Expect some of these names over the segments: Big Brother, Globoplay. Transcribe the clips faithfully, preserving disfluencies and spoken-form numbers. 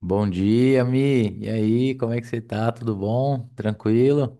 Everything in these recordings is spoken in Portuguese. Bom dia, Mi. E aí, como é que você tá? Tudo bom? Tranquilo?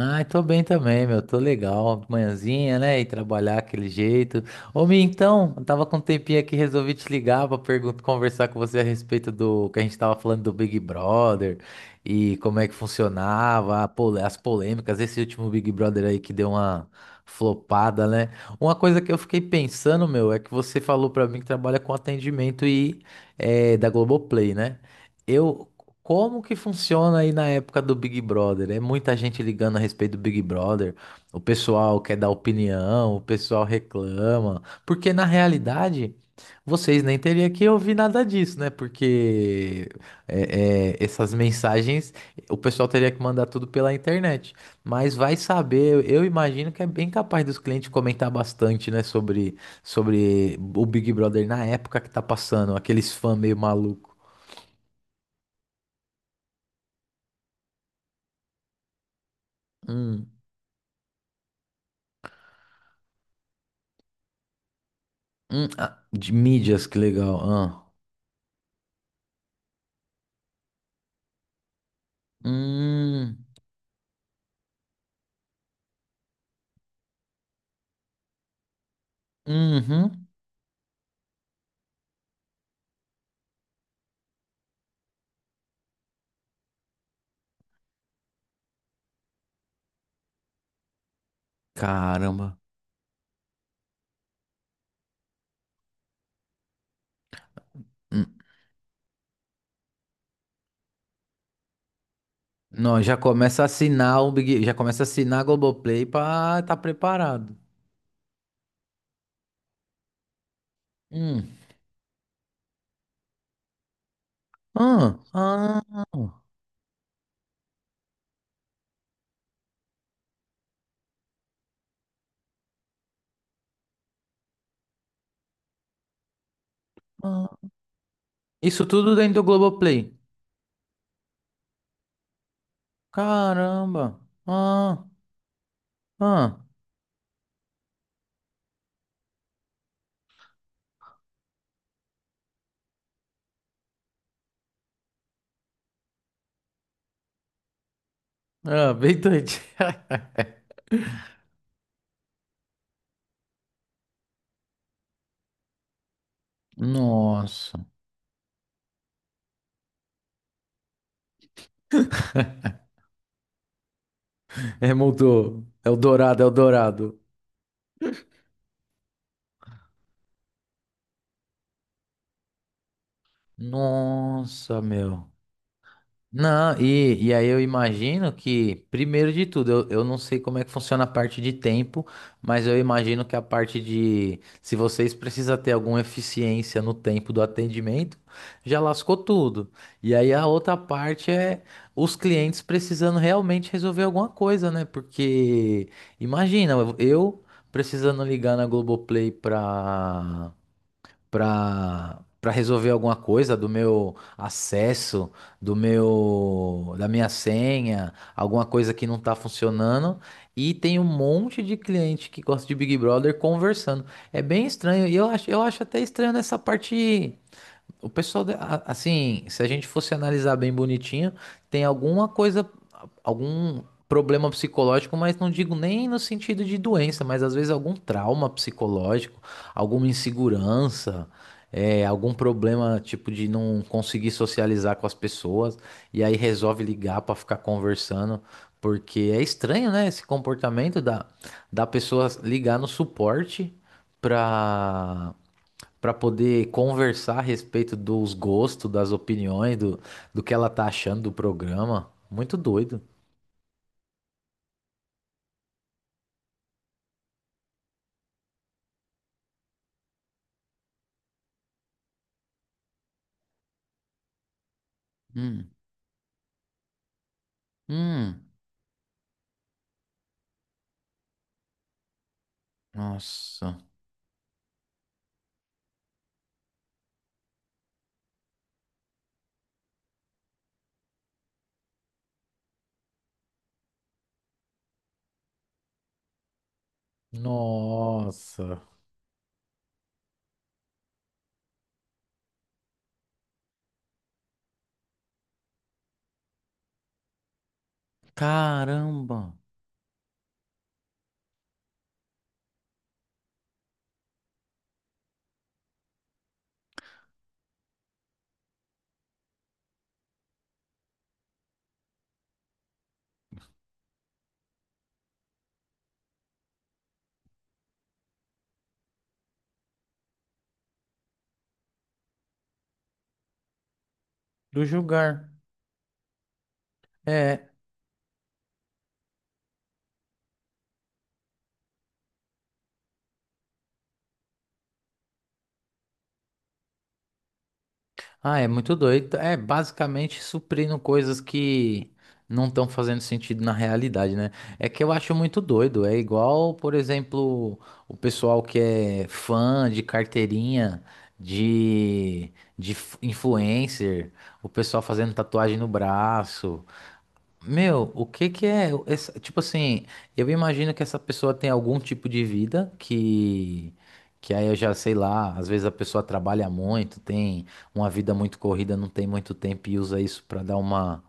Ai, tô bem também, meu. Tô legal. Manhãzinha, né? E trabalhar aquele jeito. Ô, Mi, então, eu tava com um tempinho aqui, resolvi te ligar pra perguntar, conversar com você a respeito do que a gente tava falando do Big Brother e como é que funcionava, a pole- as polêmicas, esse último Big Brother aí que deu uma flopada, né? Uma coisa que eu fiquei pensando, meu, é que você falou pra mim que trabalha com atendimento e é, da Globoplay, né? Eu como que funciona aí na época do Big Brother? É muita gente ligando a respeito do Big Brother. O pessoal quer dar opinião, o pessoal reclama. Porque na realidade, vocês nem teriam que ouvir nada disso, né? Porque é, é, essas mensagens o pessoal teria que mandar tudo pela internet. Mas vai saber, eu imagino que é bem capaz dos clientes comentar bastante, né? Sobre, sobre o Big Brother na época que tá passando, aqueles fãs meio maluco. Hum, ah, de mídias, que legal. Ah. Hum, uhum. Caramba. Hum. Não, já começa a assinar o Big, já começa a assinar a Globoplay pra estar tá preparado. Hum. Ah, ah, ah. Isso tudo dentro do Globoplay. Caramba. Ah, ah. Ah, bem doido. Nossa. É, mudou. É o dourado, é o dourado. Nossa, meu. Não, e, e aí eu imagino que, primeiro de tudo, eu, eu não sei como é que funciona a parte de tempo, mas eu imagino que a parte de, se vocês precisam ter alguma eficiência no tempo do atendimento, já lascou tudo. E aí a outra parte é os clientes precisando realmente resolver alguma coisa, né? Porque, imagina, eu eu precisando ligar na Globoplay para para para resolver alguma coisa do meu acesso, do meu da minha senha, alguma coisa que não tá funcionando, e tem um monte de cliente que gosta de Big Brother conversando. É bem estranho, e eu acho, eu acho até estranho nessa parte. O pessoal, da- a- assim, se a gente fosse analisar bem bonitinho, tem alguma coisa algum problema psicológico, mas não digo nem no sentido de doença, mas às vezes algum trauma psicológico, alguma insegurança, é, algum problema tipo de não conseguir socializar com as pessoas, e aí resolve ligar para ficar conversando, porque é estranho, né, esse comportamento da, da pessoa ligar no suporte para para poder conversar a respeito dos gostos, das opiniões, do, do que ela tá achando do programa. Muito doido. Hum. Hum. Nossa. Nossa. Caramba. Do julgar. É. Ah, é muito doido. É basicamente suprindo coisas que não estão fazendo sentido na realidade, né? É que eu acho muito doido. É igual, por exemplo, o pessoal que é fã de carteirinha, de, de f- influencer, o pessoal fazendo tatuagem no braço. Meu, o que que é? Essa- tipo assim, eu imagino que essa pessoa tem algum tipo de vida que que aí eu já sei lá, às vezes a pessoa trabalha muito, tem uma vida muito corrida, não tem muito tempo e usa isso pra dar uma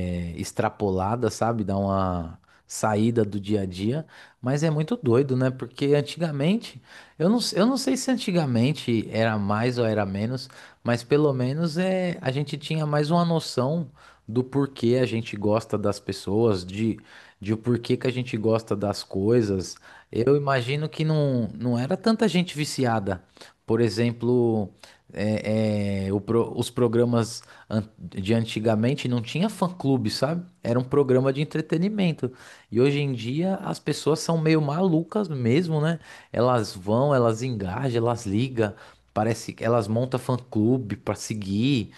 é, extrapolada, sabe? Dá uma saída do dia a dia. Mas é muito doido, né? Porque antigamente, eu não, eu não sei se antigamente era mais ou era menos, mas pelo menos é, a gente tinha mais uma noção do porquê a gente gosta das pessoas, de, de o porquê que a gente gosta das coisas. Eu imagino que não, não era tanta gente viciada. Por exemplo, é, é, o pro- os programas an- de antigamente não tinha fã-clube, sabe? Era um programa de entretenimento. E hoje em dia as pessoas são meio malucas mesmo, né? Elas vão, elas engajam, elas ligam. Parece que elas montam fã-clube para seguir,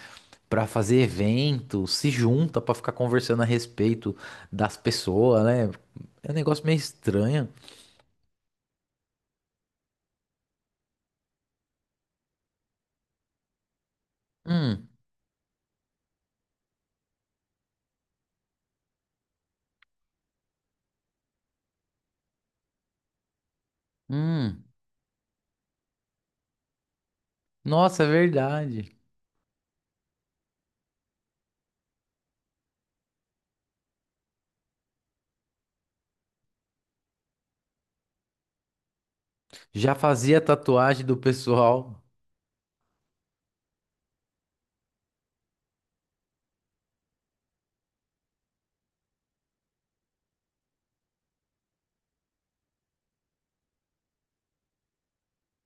para fazer evento, se junta para ficar conversando a respeito das pessoas, né? É um negócio meio estranho. Hum, hum. Nossa, é verdade. Já fazia tatuagem do pessoal.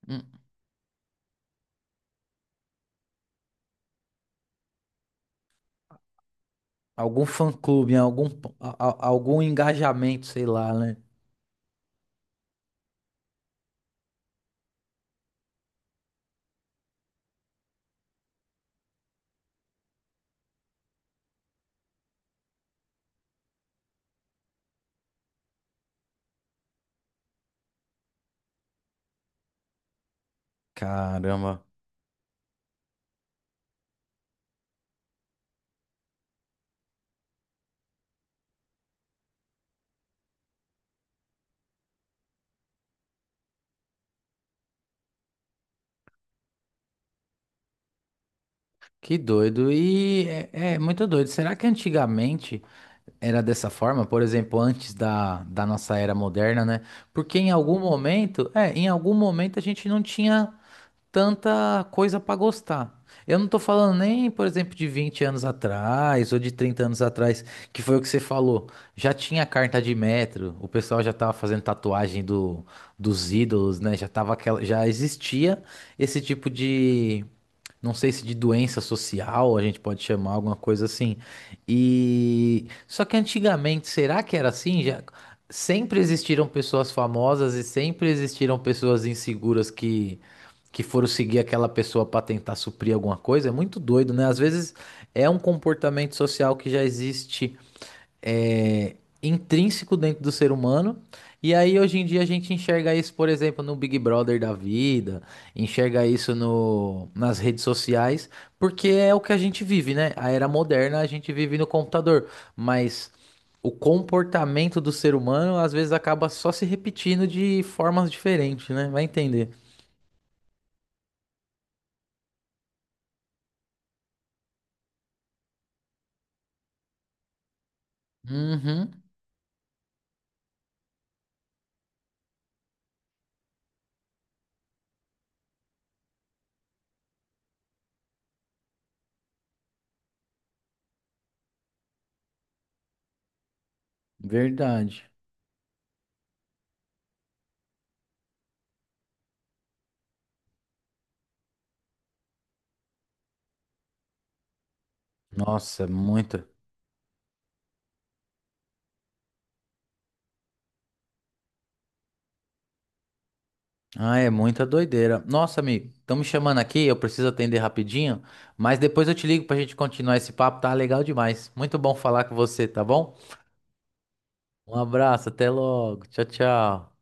Hum. Algum fã-clube, algum, a- a- algum engajamento, sei lá, né? Caramba, que doido. E é, é muito doido. Será que antigamente era dessa forma? Por exemplo, antes da, da nossa era moderna, né? Porque em algum momento, é, em algum momento a gente não tinha tanta coisa pra gostar. Eu não tô falando nem, por exemplo, de vinte anos atrás ou de trinta anos atrás, que foi o que você falou. Já tinha carta de metro, o pessoal já tava fazendo tatuagem do, dos ídolos, né? Já tava aquela, já existia esse tipo de, não sei se de doença social, a gente pode chamar alguma coisa assim. E só que antigamente, será que era assim? Já sempre existiram pessoas famosas e sempre existiram pessoas inseguras que que foram seguir aquela pessoa para tentar suprir alguma coisa, é muito doido, né? Às vezes é um comportamento social que já existe é, intrínseco dentro do ser humano. E aí hoje em dia a gente enxerga isso, por exemplo, no Big Brother da vida, enxerga isso no, nas redes sociais, porque é o que a gente vive, né? A era moderna a gente vive no computador, mas o comportamento do ser humano às vezes acaba só se repetindo de formas diferentes, né? Vai entender. Uhum. Verdade. Nossa, é muita. Ah, é muita doideira. Nossa, amigo, estão me chamando aqui, eu preciso atender rapidinho, mas depois eu te ligo pra gente continuar esse papo, tá legal demais. Muito bom falar com você, tá bom? Um abraço, até logo. Tchau, tchau.